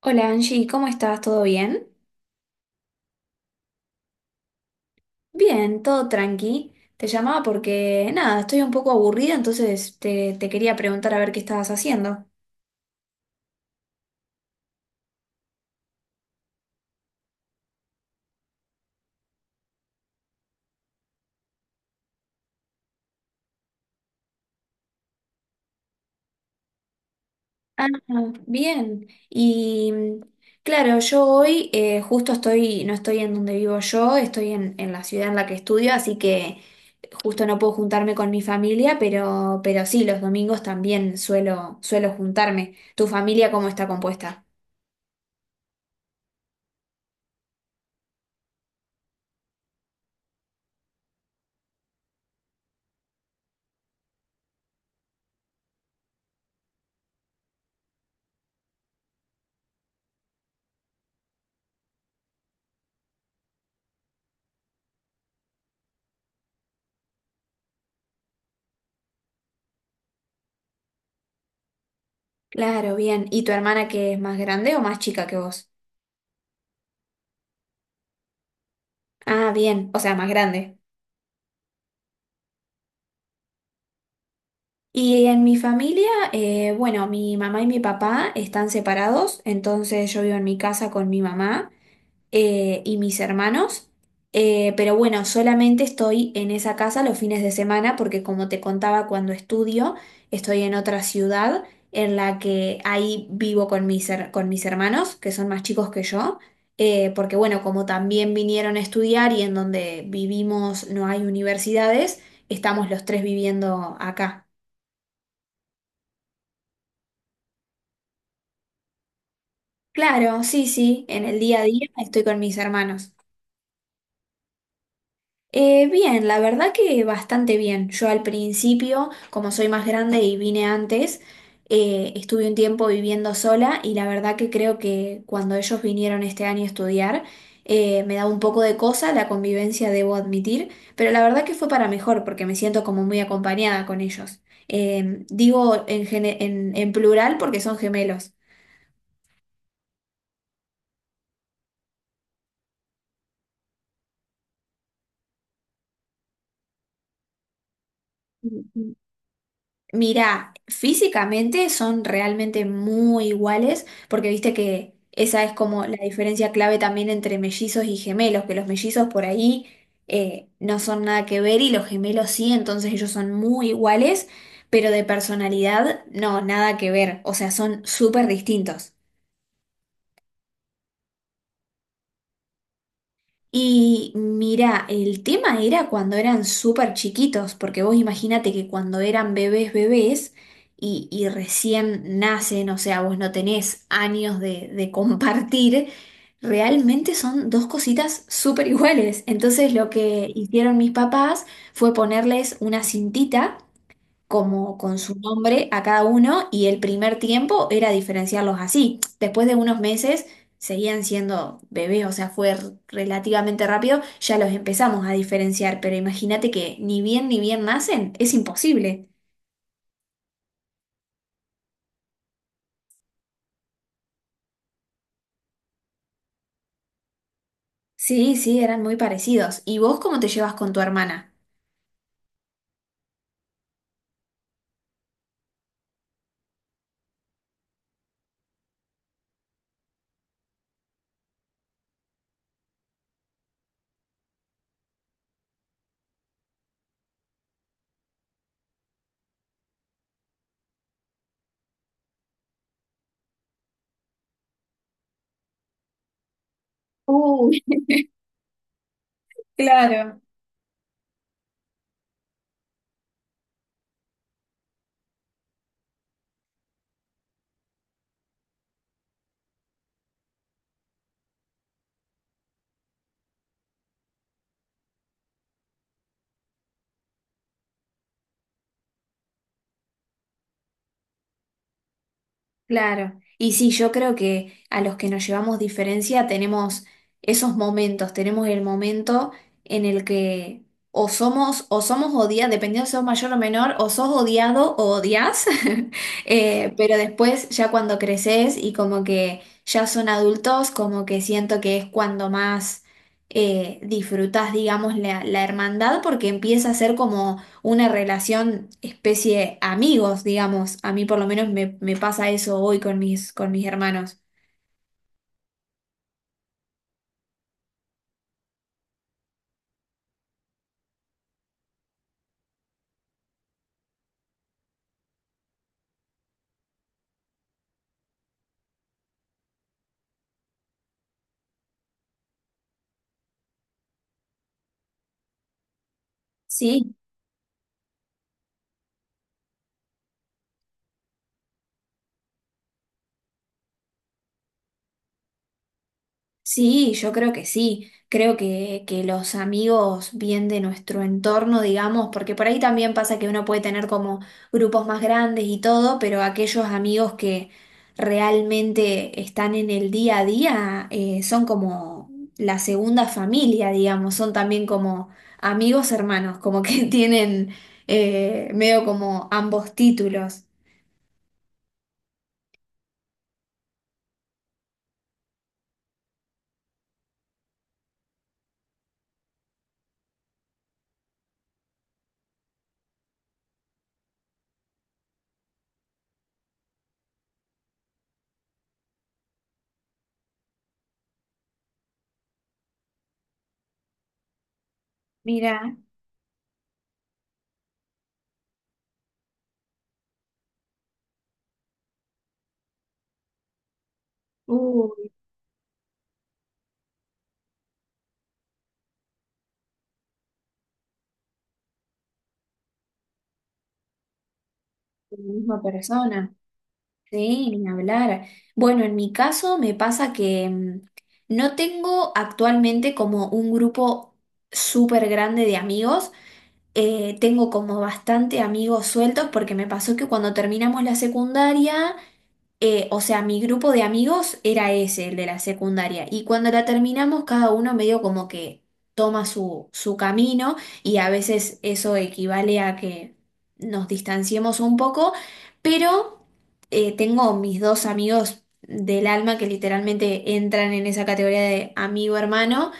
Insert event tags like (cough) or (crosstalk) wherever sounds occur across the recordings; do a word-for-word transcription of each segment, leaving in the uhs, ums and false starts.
Hola Angie, ¿cómo estás? ¿Todo bien? Bien, todo tranqui. Te llamaba porque, nada, estoy un poco aburrida, entonces te, te quería preguntar a ver qué estabas haciendo. Ah, bien. Y mm, claro, yo hoy eh, justo estoy, no estoy en donde vivo yo, estoy en, en la ciudad en la que estudio, así que justo no puedo juntarme con mi familia, pero, pero sí, los domingos también suelo, suelo juntarme. ¿Tu familia cómo está compuesta? Claro, bien. ¿Y tu hermana que es más grande o más chica que vos? Ah, bien, o sea, más grande. Y en mi familia, eh, bueno, mi mamá y mi papá están separados, entonces yo vivo en mi casa con mi mamá eh, y mis hermanos. Eh, pero bueno, solamente estoy en esa casa los fines de semana porque como te contaba cuando estudio, estoy en otra ciudad en la que ahí vivo con mis, her- con mis hermanos, que son más chicos que yo, eh, porque bueno, como también vinieron a estudiar y en donde vivimos no hay universidades, estamos los tres viviendo acá. Claro, sí, sí, en el día a día estoy con mis hermanos. Eh, bien, la verdad que bastante bien. Yo al principio, como soy más grande y vine antes, eh, estuve un tiempo viviendo sola y la verdad que creo que cuando ellos vinieron este año a estudiar, eh, me da un poco de cosa la convivencia, debo admitir, pero la verdad que fue para mejor porque me siento como muy acompañada con ellos. Eh, digo en, gene- en en plural porque son gemelos. Mira, físicamente son realmente muy iguales, porque viste que esa es como la diferencia clave también entre mellizos y gemelos, que los mellizos por ahí eh, no son nada que ver y los gemelos sí, entonces ellos son muy iguales, pero de personalidad no, nada que ver, o sea, son súper distintos. Y mira, el tema era cuando eran súper chiquitos, porque vos imagínate que cuando eran bebés, bebés, y, y recién nacen, o sea, vos no tenés años de, de compartir, realmente son dos cositas súper iguales. Entonces lo que hicieron mis papás fue ponerles una cintita como con su nombre a cada uno y el primer tiempo era diferenciarlos así. Después de unos meses seguían siendo bebés, o sea, fue r- relativamente rápido, ya los empezamos a diferenciar, pero imagínate que ni bien ni bien nacen, es imposible. Sí, sí, eran muy parecidos. ¿Y vos cómo te llevas con tu hermana? Uh, (laughs) claro. Claro, y sí, yo creo que a los que nos llevamos diferencia tenemos esos momentos, tenemos el momento en el que o somos o somos odiados, dependiendo si sos mayor o menor, o sos odiado o odias. (laughs) Eh, pero después ya cuando creces y como que ya son adultos, como que siento que es cuando más eh, disfrutas, digamos, la, la hermandad, porque empieza a ser como una relación especie amigos, digamos. A mí por lo menos me, me pasa eso hoy con mis, con mis hermanos. Sí, sí, yo creo que sí. Creo que, que los amigos bien de nuestro entorno, digamos, porque por ahí también pasa que uno puede tener como grupos más grandes y todo, pero aquellos amigos que realmente están en el día a día eh, son como la segunda familia, digamos, son también como amigos hermanos, como que (laughs) tienen eh, medio como ambos títulos. Mira, uy, la misma persona. Sí, ni hablar. Bueno, en mi caso me pasa que mm, no tengo actualmente como un grupo súper grande de amigos. Eh, tengo como bastante amigos sueltos porque me pasó que cuando terminamos la secundaria eh, o sea, mi grupo de amigos era ese, el de la secundaria. Y cuando la terminamos, cada uno medio como que toma su, su camino y a veces eso equivale a que nos distanciemos un poco, pero eh, tengo mis dos amigos del alma que literalmente entran en esa categoría de amigo hermano,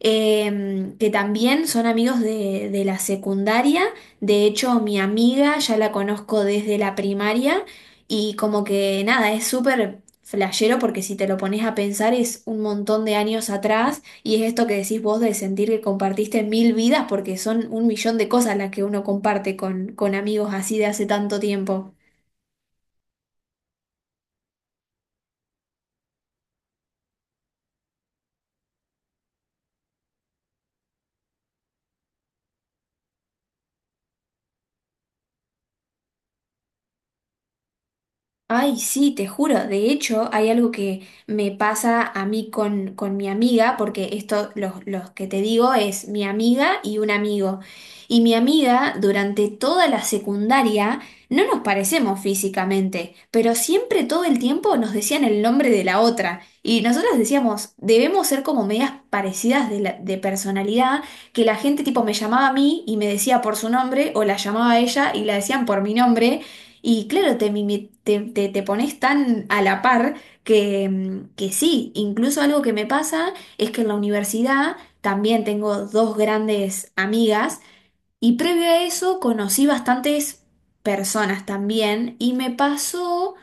eh, que también son amigos de, de la secundaria. De hecho, mi amiga ya la conozco desde la primaria y como que nada, es súper flashero porque si te lo pones a pensar es un montón de años atrás y es esto que decís vos de sentir que compartiste mil vidas porque son un millón de cosas las que uno comparte con, con amigos así de hace tanto tiempo. Ay, sí, te juro. De hecho, hay algo que me pasa a mí con, con mi amiga, porque esto, los, los que te digo, es mi amiga y un amigo. Y mi amiga, durante toda la secundaria, no nos parecemos físicamente, pero siempre todo el tiempo nos decían el nombre de la otra. Y nosotros decíamos, debemos ser como medias parecidas de, la- de personalidad, que la gente tipo me llamaba a mí y me decía por su nombre, o la llamaba a ella y la decían por mi nombre. Y claro, te, mimi- te, te- te pones tan a la par que, mm, que sí, incluso algo que me pasa es que en la universidad también tengo dos grandes amigas y previo a eso conocí bastantes personas también y me pasó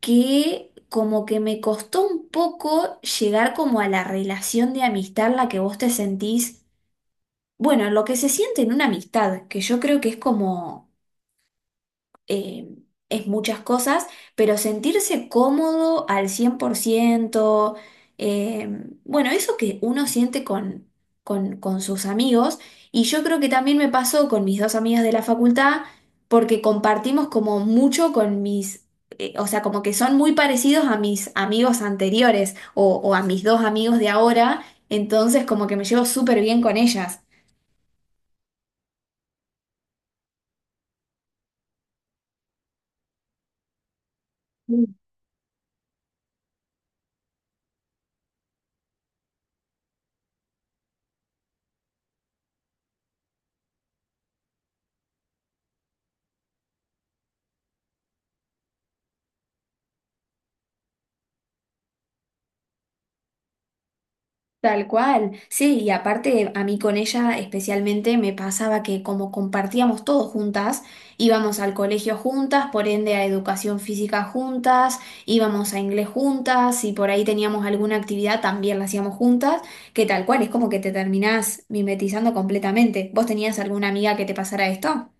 que como que me costó un poco llegar como a la relación de amistad en la que vos te sentís, bueno, lo que se siente en una amistad, que yo creo que es como eh, es muchas cosas, pero sentirse cómodo al cien por ciento, eh, bueno, eso que uno siente con, con, con sus amigos, y yo creo que también me pasó con mis dos amigas de la facultad, porque compartimos como mucho con mis... eh, O sea, como que son muy parecidos a mis amigos anteriores o, o a mis dos amigos de ahora, entonces como que me llevo súper bien con ellas. Tal cual, sí, y aparte a mí con ella especialmente me pasaba que como compartíamos todo juntas, íbamos al colegio juntas, por ende a educación física juntas, íbamos a inglés juntas, y por ahí teníamos alguna actividad también la hacíamos juntas, que tal cual, es como que te terminás mimetizando completamente. ¿Vos tenías alguna amiga que te pasara esto?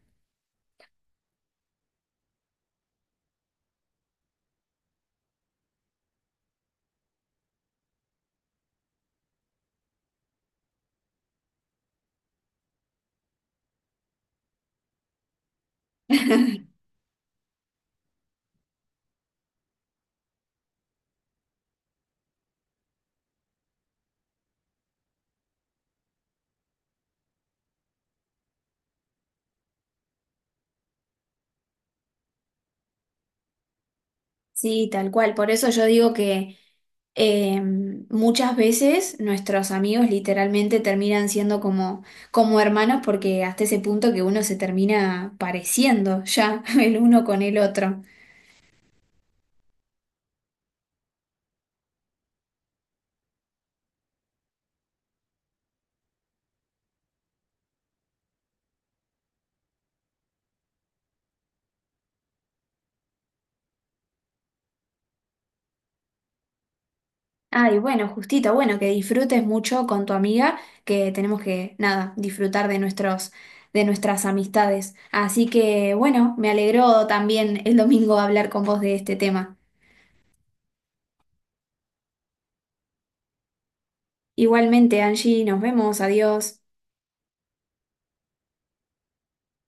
(laughs) Sí, tal cual. Por eso yo digo que eh, muchas veces nuestros amigos literalmente terminan siendo como, como hermanos porque hasta ese punto que uno se termina pareciendo ya (laughs) el uno con el otro. Ay, bueno, justito, bueno, que disfrutes mucho con tu amiga, que tenemos que, nada, disfrutar de nuestros, de nuestras amistades. Así que, bueno, me alegró también el domingo hablar con vos de este tema. Igualmente, Angie, nos vemos, adiós.